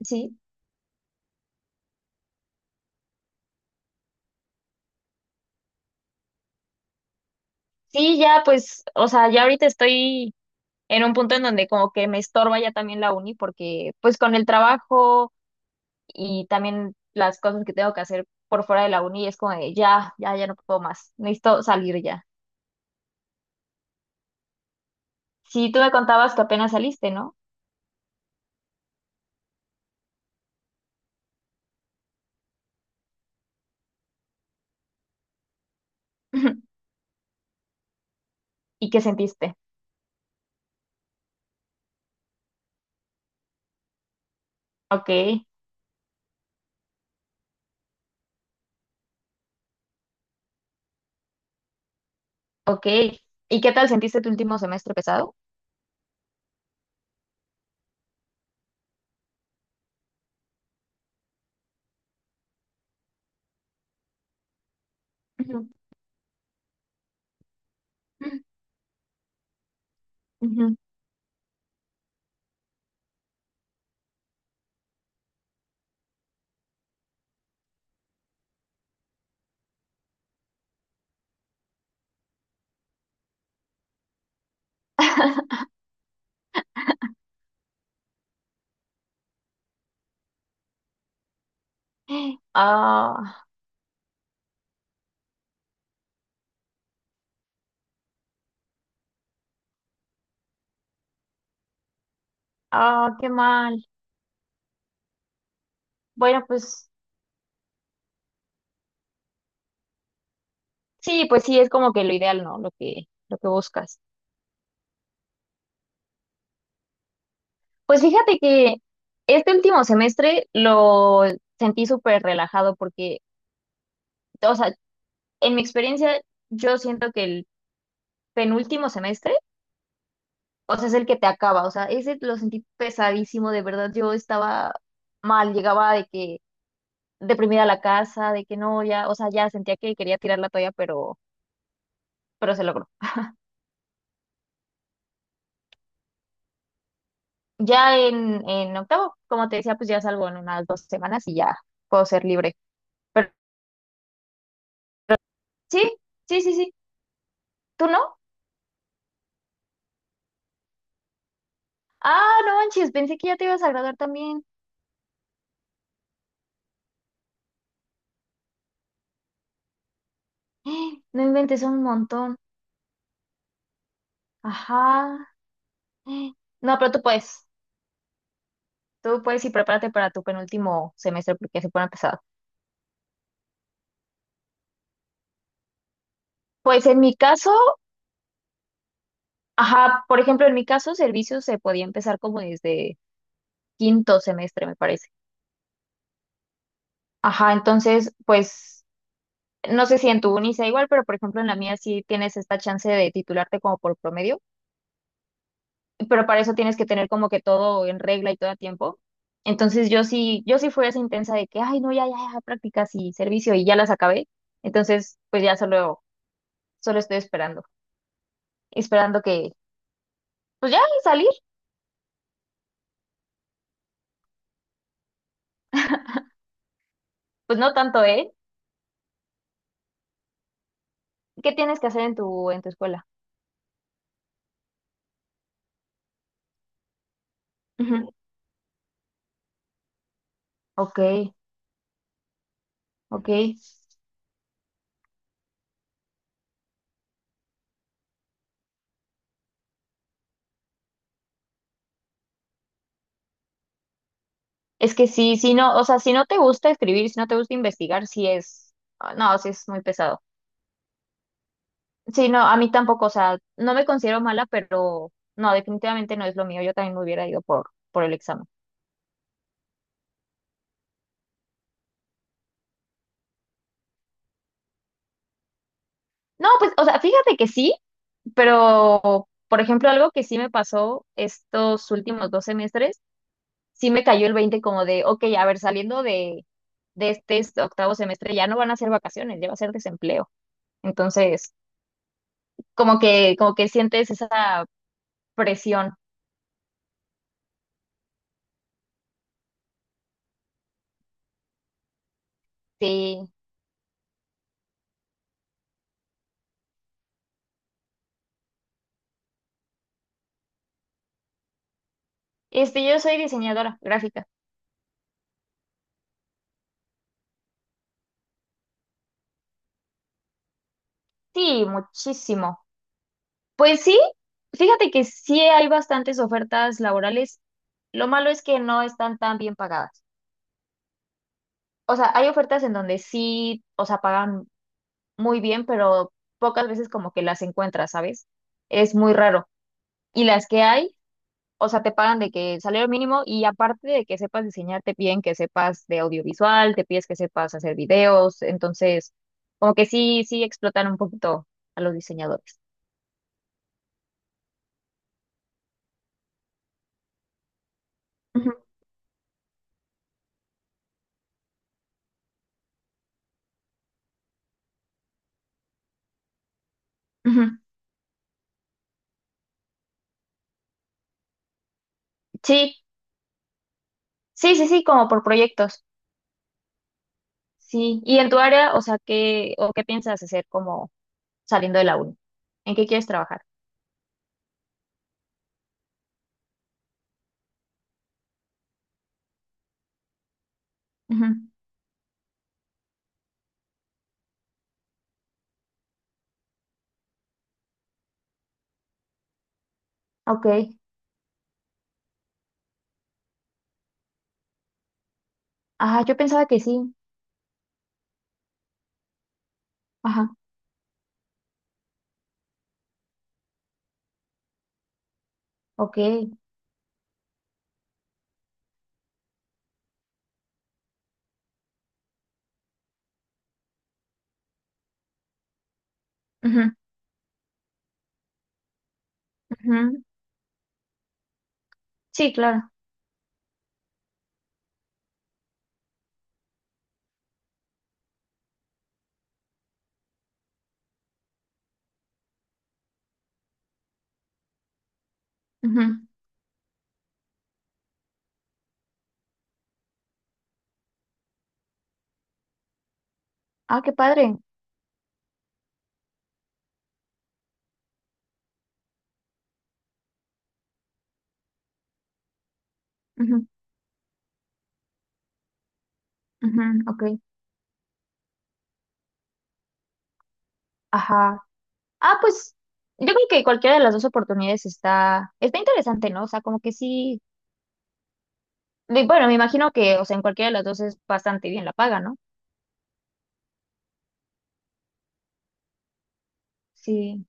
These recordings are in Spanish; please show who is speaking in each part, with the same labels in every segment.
Speaker 1: Sí, sí, ya pues, o sea, ya ahorita estoy en un punto en donde como que me estorba ya también la uni porque pues con el trabajo y también las cosas que tengo que hacer por fuera de la uni es como de ya, ya, ya no puedo más, necesito salir ya. Sí, tú me contabas que apenas saliste, ¿no? ¿Y qué sentiste? Ok, ok. ¿Y qué tal sentiste tu último semestre pesado? Ujú, ujú. Ah, ah, qué mal. Bueno, pues sí, pues sí, es como que lo ideal, ¿no? Lo que buscas. Pues fíjate que este último semestre lo sentí súper relajado porque, o sea, en mi experiencia, yo siento que el penúltimo semestre, o sea, es el que te acaba, o sea, ese lo sentí pesadísimo, de verdad, yo estaba mal, llegaba de que deprimida a la casa, de que no, ya, o sea, ya sentía que quería tirar la toalla, pero se logró. Ya en octavo, como te decía, pues ya salgo en unas 2 semanas y ya puedo ser libre. Sí, sí, sí, sí. ¿Tú no? Ah, no manches, pensé que ya te ibas a graduar también. No inventes un montón. Ajá. No, pero tú puedes. Tú puedes y prepárate para tu penúltimo semestre porque se pone pesado. Pues en mi caso, ajá, por ejemplo, en mi caso, servicio se podía empezar como desde quinto semestre, me parece. Ajá, entonces, pues, no sé si en tu uni sea igual, pero por ejemplo en la mía sí tienes esta chance de titularte como por promedio. Pero para eso tienes que tener como que todo en regla y todo a tiempo. Entonces yo sí, yo sí fui esa intensa de que, ay, no, ya, ya, ya, prácticas y servicio y ya las acabé. Entonces, pues ya solo estoy esperando que, pues ya salir, pues no tanto, ¿eh? ¿Qué tienes que hacer en tu escuela? Ujú. Ok, ok. Es que sí, si no, o sea, si no te gusta escribir, si no te gusta investigar, sí es, ah, no, sí es muy pesado. Sí, no, a mí tampoco, o sea, no me considero mala, pero no, definitivamente no es lo mío. Yo también me hubiera ido por, el examen. No, pues, o sea, fíjate que sí, pero, por ejemplo, algo que sí me pasó estos últimos 2 semestres, sí me cayó el 20 como de, ok, a ver, saliendo de este octavo semestre ya no van a ser vacaciones, ya va a ser desempleo. Entonces, como que sientes esa presión. Sí. Este, yo soy diseñadora gráfica. Sí, muchísimo. Pues sí, fíjate que sí hay bastantes ofertas laborales. Lo malo es que no están tan bien pagadas. O sea, hay ofertas en donde sí, o sea, pagan muy bien, pero pocas veces como que las encuentras, ¿sabes? Es muy raro. Y las que hay, o sea, te pagan de que salario mínimo y aparte de que sepas diseñar, te piden que sepas de audiovisual, te pides que sepas hacer videos. Entonces, como que sí, sí explotan un poquito a los diseñadores. Ujú, ujú. Sí, sí, sí, sí, como por proyectos. Sí, y en tu área, o sea, ¿qué, o qué piensas hacer como saliendo de la uni? ¿En qué quieres trabajar? Ujú, ok. Ajá, yo pensaba que sí. Ajá, ok. Ujú, ujú. Sí, claro. Ujú. Ah, qué padre. Ujú, ujú, ok. Ajá. Ah, pues yo creo que cualquiera de las dos oportunidades está interesante, ¿no? O sea, como que sí. Y bueno, me imagino que, o sea, en cualquiera de las dos es bastante bien la paga, ¿no? Sí,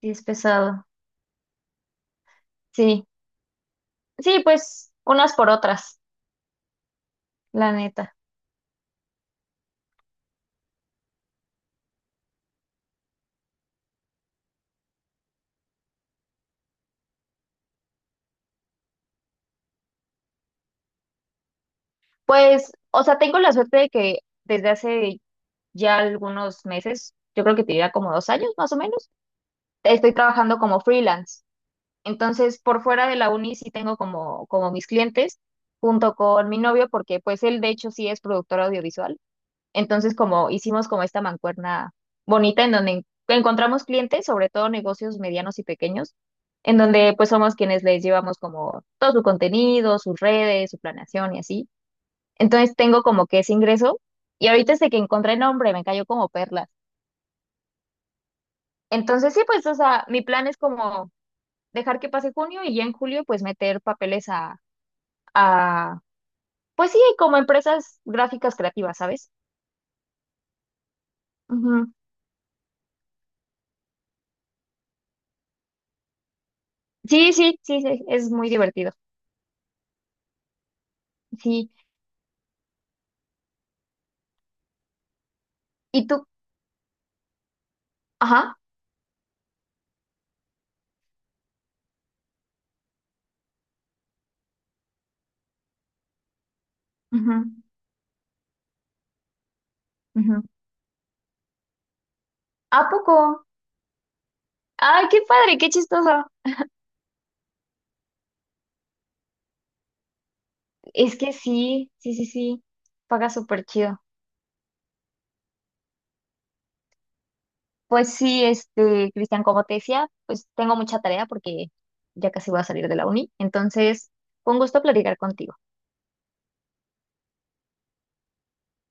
Speaker 1: sí, es pesado. Sí, sí, pues unas por otras. La neta. Pues, o sea, tengo la suerte de que desde hace ya algunos meses, yo creo que te diría como 2 años más o menos, estoy trabajando como freelance. Entonces, por fuera de la uni sí tengo como, como mis clientes, junto con mi novio, porque pues él de hecho sí es productor audiovisual. Entonces, como hicimos como esta mancuerna bonita en donde encontramos clientes, sobre todo negocios medianos y pequeños, en donde pues somos quienes les llevamos como todo su contenido, sus redes, su planeación y así. Entonces tengo como que ese ingreso y ahorita este que encontré el nombre me cayó como perlas. Entonces sí, pues, o sea, mi plan es como dejar que pase junio y ya en julio pues meter papeles a, a pues sí, como empresas gráficas creativas, ¿sabes? Ujú. Sí, sí, sí, sí, es muy divertido. Sí. ¿Y tú? Ajá. Ujú, ujú. ¿A poco? Ay, qué padre, qué chistoso. Es que sí, sí, sí, sí. Paga súper chido. Pues sí, este, Cristian, como te decía, pues tengo mucha tarea porque ya casi voy a salir de la uni. Entonces, fue un gusto platicar contigo.